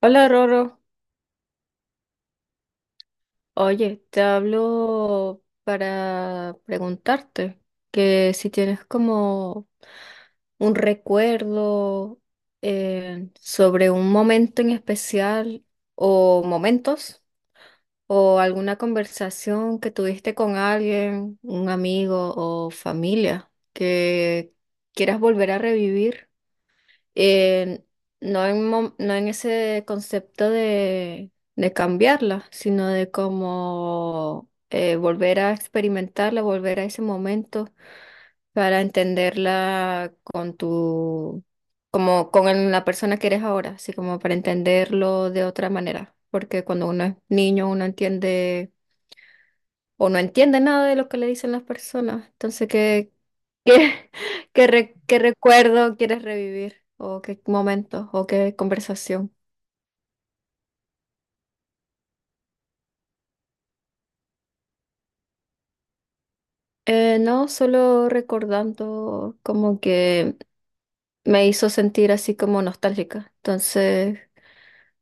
Hola Roro, oye, te hablo para preguntarte que si tienes como un recuerdo sobre un momento en especial o momentos o alguna conversación que tuviste con alguien, un amigo o familia que quieras volver a revivir. eh, no no en ese concepto de cambiarla, sino de cómo volver a experimentarla, volver a ese momento para entenderla con tu, como con la persona que eres ahora, así como para entenderlo de otra manera. Porque cuando uno es niño, uno entiende o no entiende nada de lo que le dicen las personas. Entonces, ¿qué? ¿Qué, ¿qué qué recuerdo quieres revivir? ¿O qué momento? ¿O qué conversación? No, solo recordando como que me hizo sentir así como nostálgica. Entonces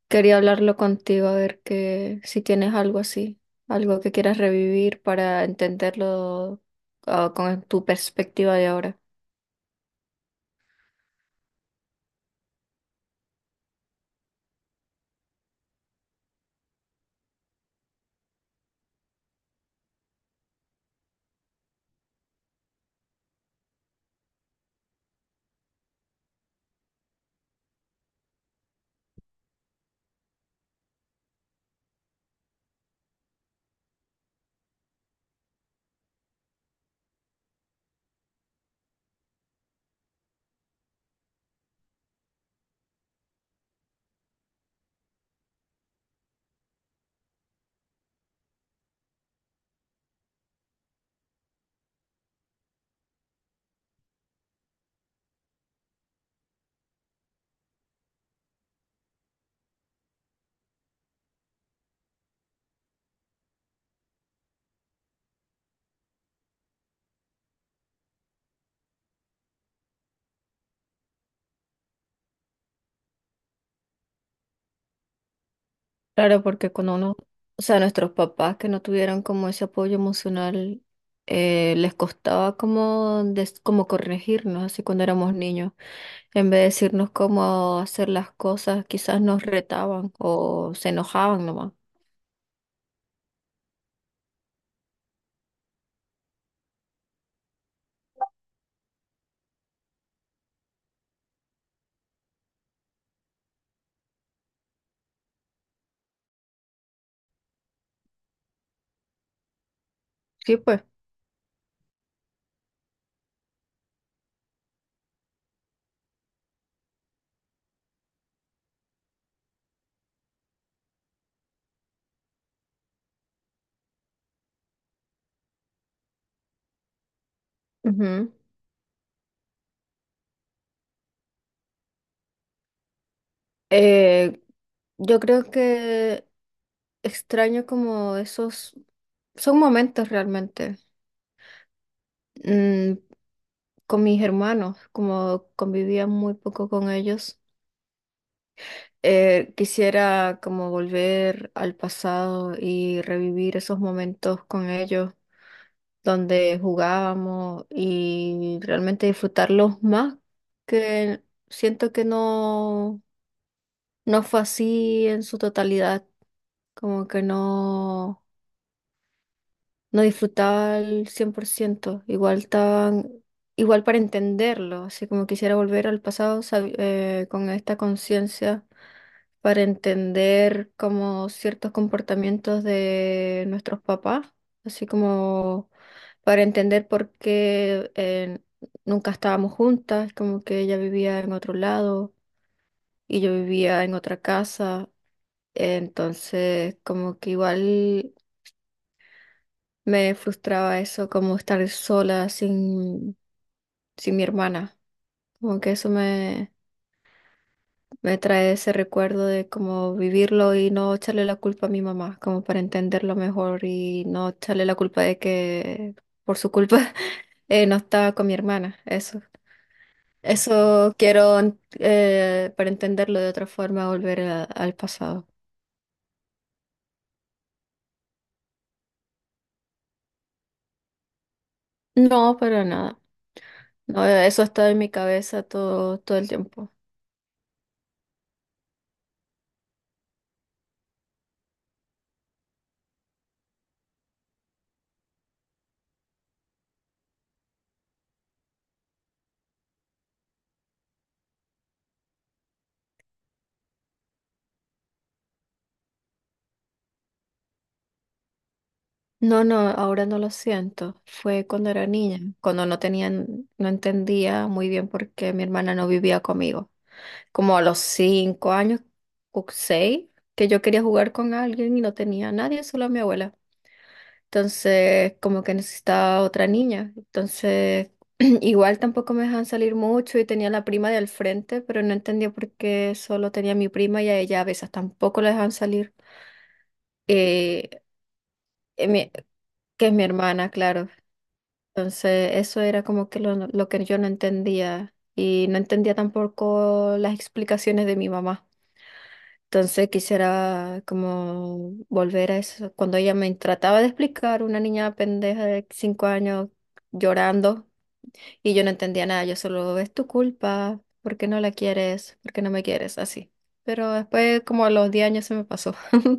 quería hablarlo contigo a ver que si tienes algo así, algo que quieras revivir para entenderlo ah, con tu perspectiva de ahora. Claro, porque cuando uno, o sea, nuestros papás que no tuvieron como ese apoyo emocional, les costaba como corregirnos, así cuando éramos niños. En vez de decirnos cómo hacer las cosas, quizás nos retaban o se enojaban nomás. Sí, pues. Ujú. Eh, yo creo que extraño como esos, son momentos realmente. Mm, con mis hermanos, como convivía muy poco con ellos. Quisiera como volver al pasado y revivir esos momentos con ellos donde jugábamos y realmente disfrutarlos más, que siento que no fue así en su totalidad, como que no disfrutaba al 100% igual estaban, igual para entenderlo, así como quisiera volver al pasado con esta conciencia para entender como ciertos comportamientos de nuestros papás, así como para entender por qué nunca estábamos juntas, como que ella vivía en otro lado y yo vivía en otra casa. Entonces, como que igual me frustraba eso, como estar sola sin mi hermana. Como que eso me, me trae ese recuerdo de cómo vivirlo y no echarle la culpa a mi mamá, como para entenderlo mejor y no echarle la culpa de que por su culpa no estaba con mi hermana. Eso quiero para entenderlo de otra forma, volver al pasado. No, para nada. No, eso está en mi cabeza todo el tiempo. No, no, ahora no lo siento. Fue cuando era niña, cuando no no entendía muy bien por qué mi hermana no vivía conmigo. Como a los 5 años o 6, que yo quería jugar con alguien y no tenía a nadie, solo a mi abuela. Entonces, como que necesitaba otra niña. Entonces, igual tampoco me dejaban salir mucho y tenía la prima del frente, pero no entendía por qué solo tenía a mi prima y a ella a veces tampoco la dejaban salir. Eh, eh, mi- que es mi hermana, claro. Entonces, eso era como que lo que yo no entendía y no entendía tampoco las explicaciones de mi mamá. Entonces, quisiera como volver a eso. Cuando ella me trataba de explicar, una niña pendeja de 5 años llorando y yo no entendía nada, yo solo, es tu culpa, ¿por qué no la quieres? ¿Por qué no me quieres? Así. Pero después, como a los 10 años se me pasó.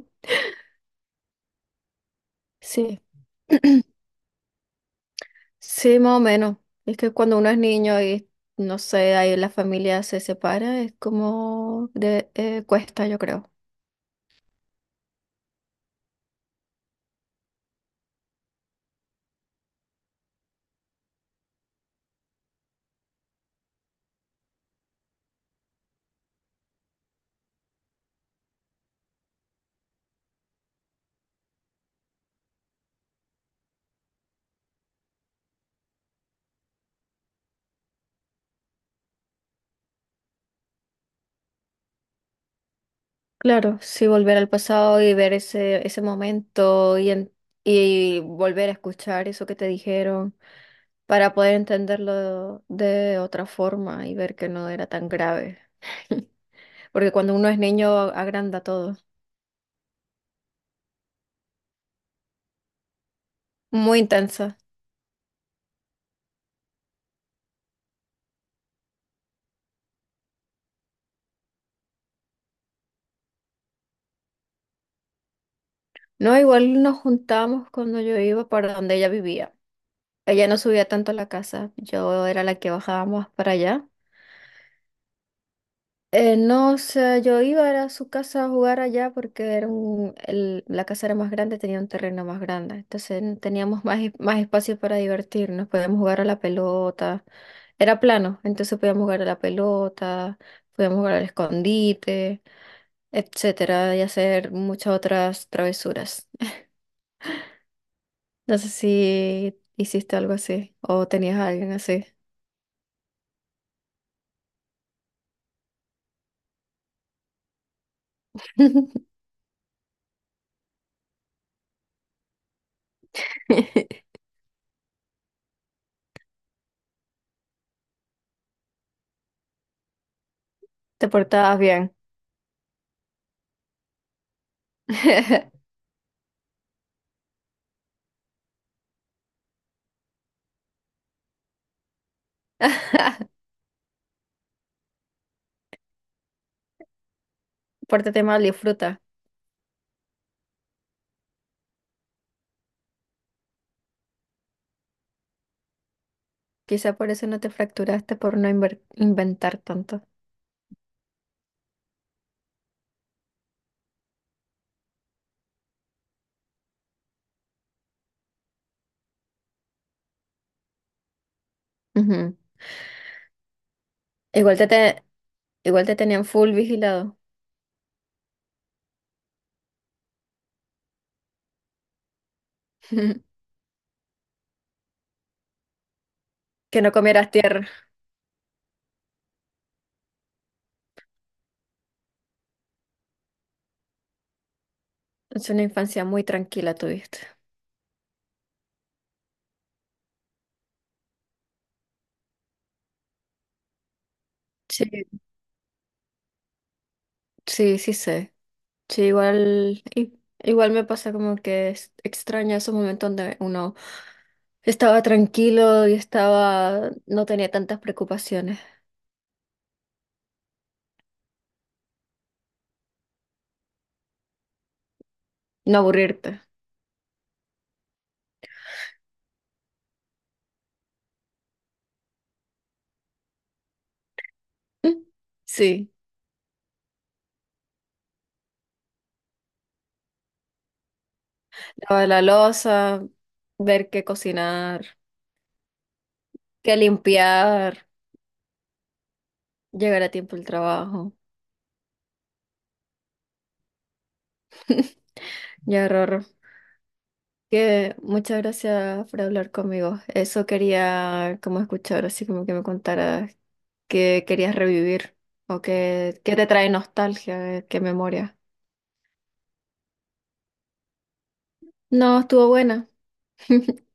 Sí. Sí, más o menos. Es que cuando uno es niño y no sé, ahí la familia se separa, es como de cuesta, yo creo. Claro, sí, volver al pasado y ver ese momento y volver a escuchar eso que te dijeron para poder entenderlo de otra forma y ver que no era tan grave. Porque cuando uno es niño agranda todo. Muy intensa. No, igual nos juntamos cuando yo iba para donde ella vivía. Ella no subía tanto a la casa, yo era la que bajaba más para allá. No, o sea, yo iba era a su casa a jugar allá porque era la casa era más grande, tenía un terreno más grande, entonces teníamos más espacio para divertirnos, podíamos jugar a la pelota, era plano, entonces podíamos jugar a la pelota, podíamos jugar al escondite, etcétera, y hacer muchas otras travesuras. No sé si hiciste algo así o tenías a alguien así. Te portabas bien. Pórtate mal y fruta. Quizá por eso no te fracturaste por no inventar tanto. Ujú. Igual igual te tenían full vigilado. Que no comieras tierra. Es una infancia muy tranquila tuviste. Sí, sí, sí sé. Sí, igual me pasa como que extraño esos momentos donde uno estaba tranquilo y estaba, no tenía tantas preocupaciones. No aburrirte. Sí. Lavar la loza, ver qué cocinar, qué limpiar, llegar a tiempo al trabajo. Ya, Rorro, que muchas gracias por hablar conmigo. Eso quería como escuchar, así como que me contaras qué querías revivir o qué te trae nostalgia, qué memoria. No, estuvo buena.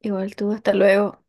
Igual tú, hasta luego.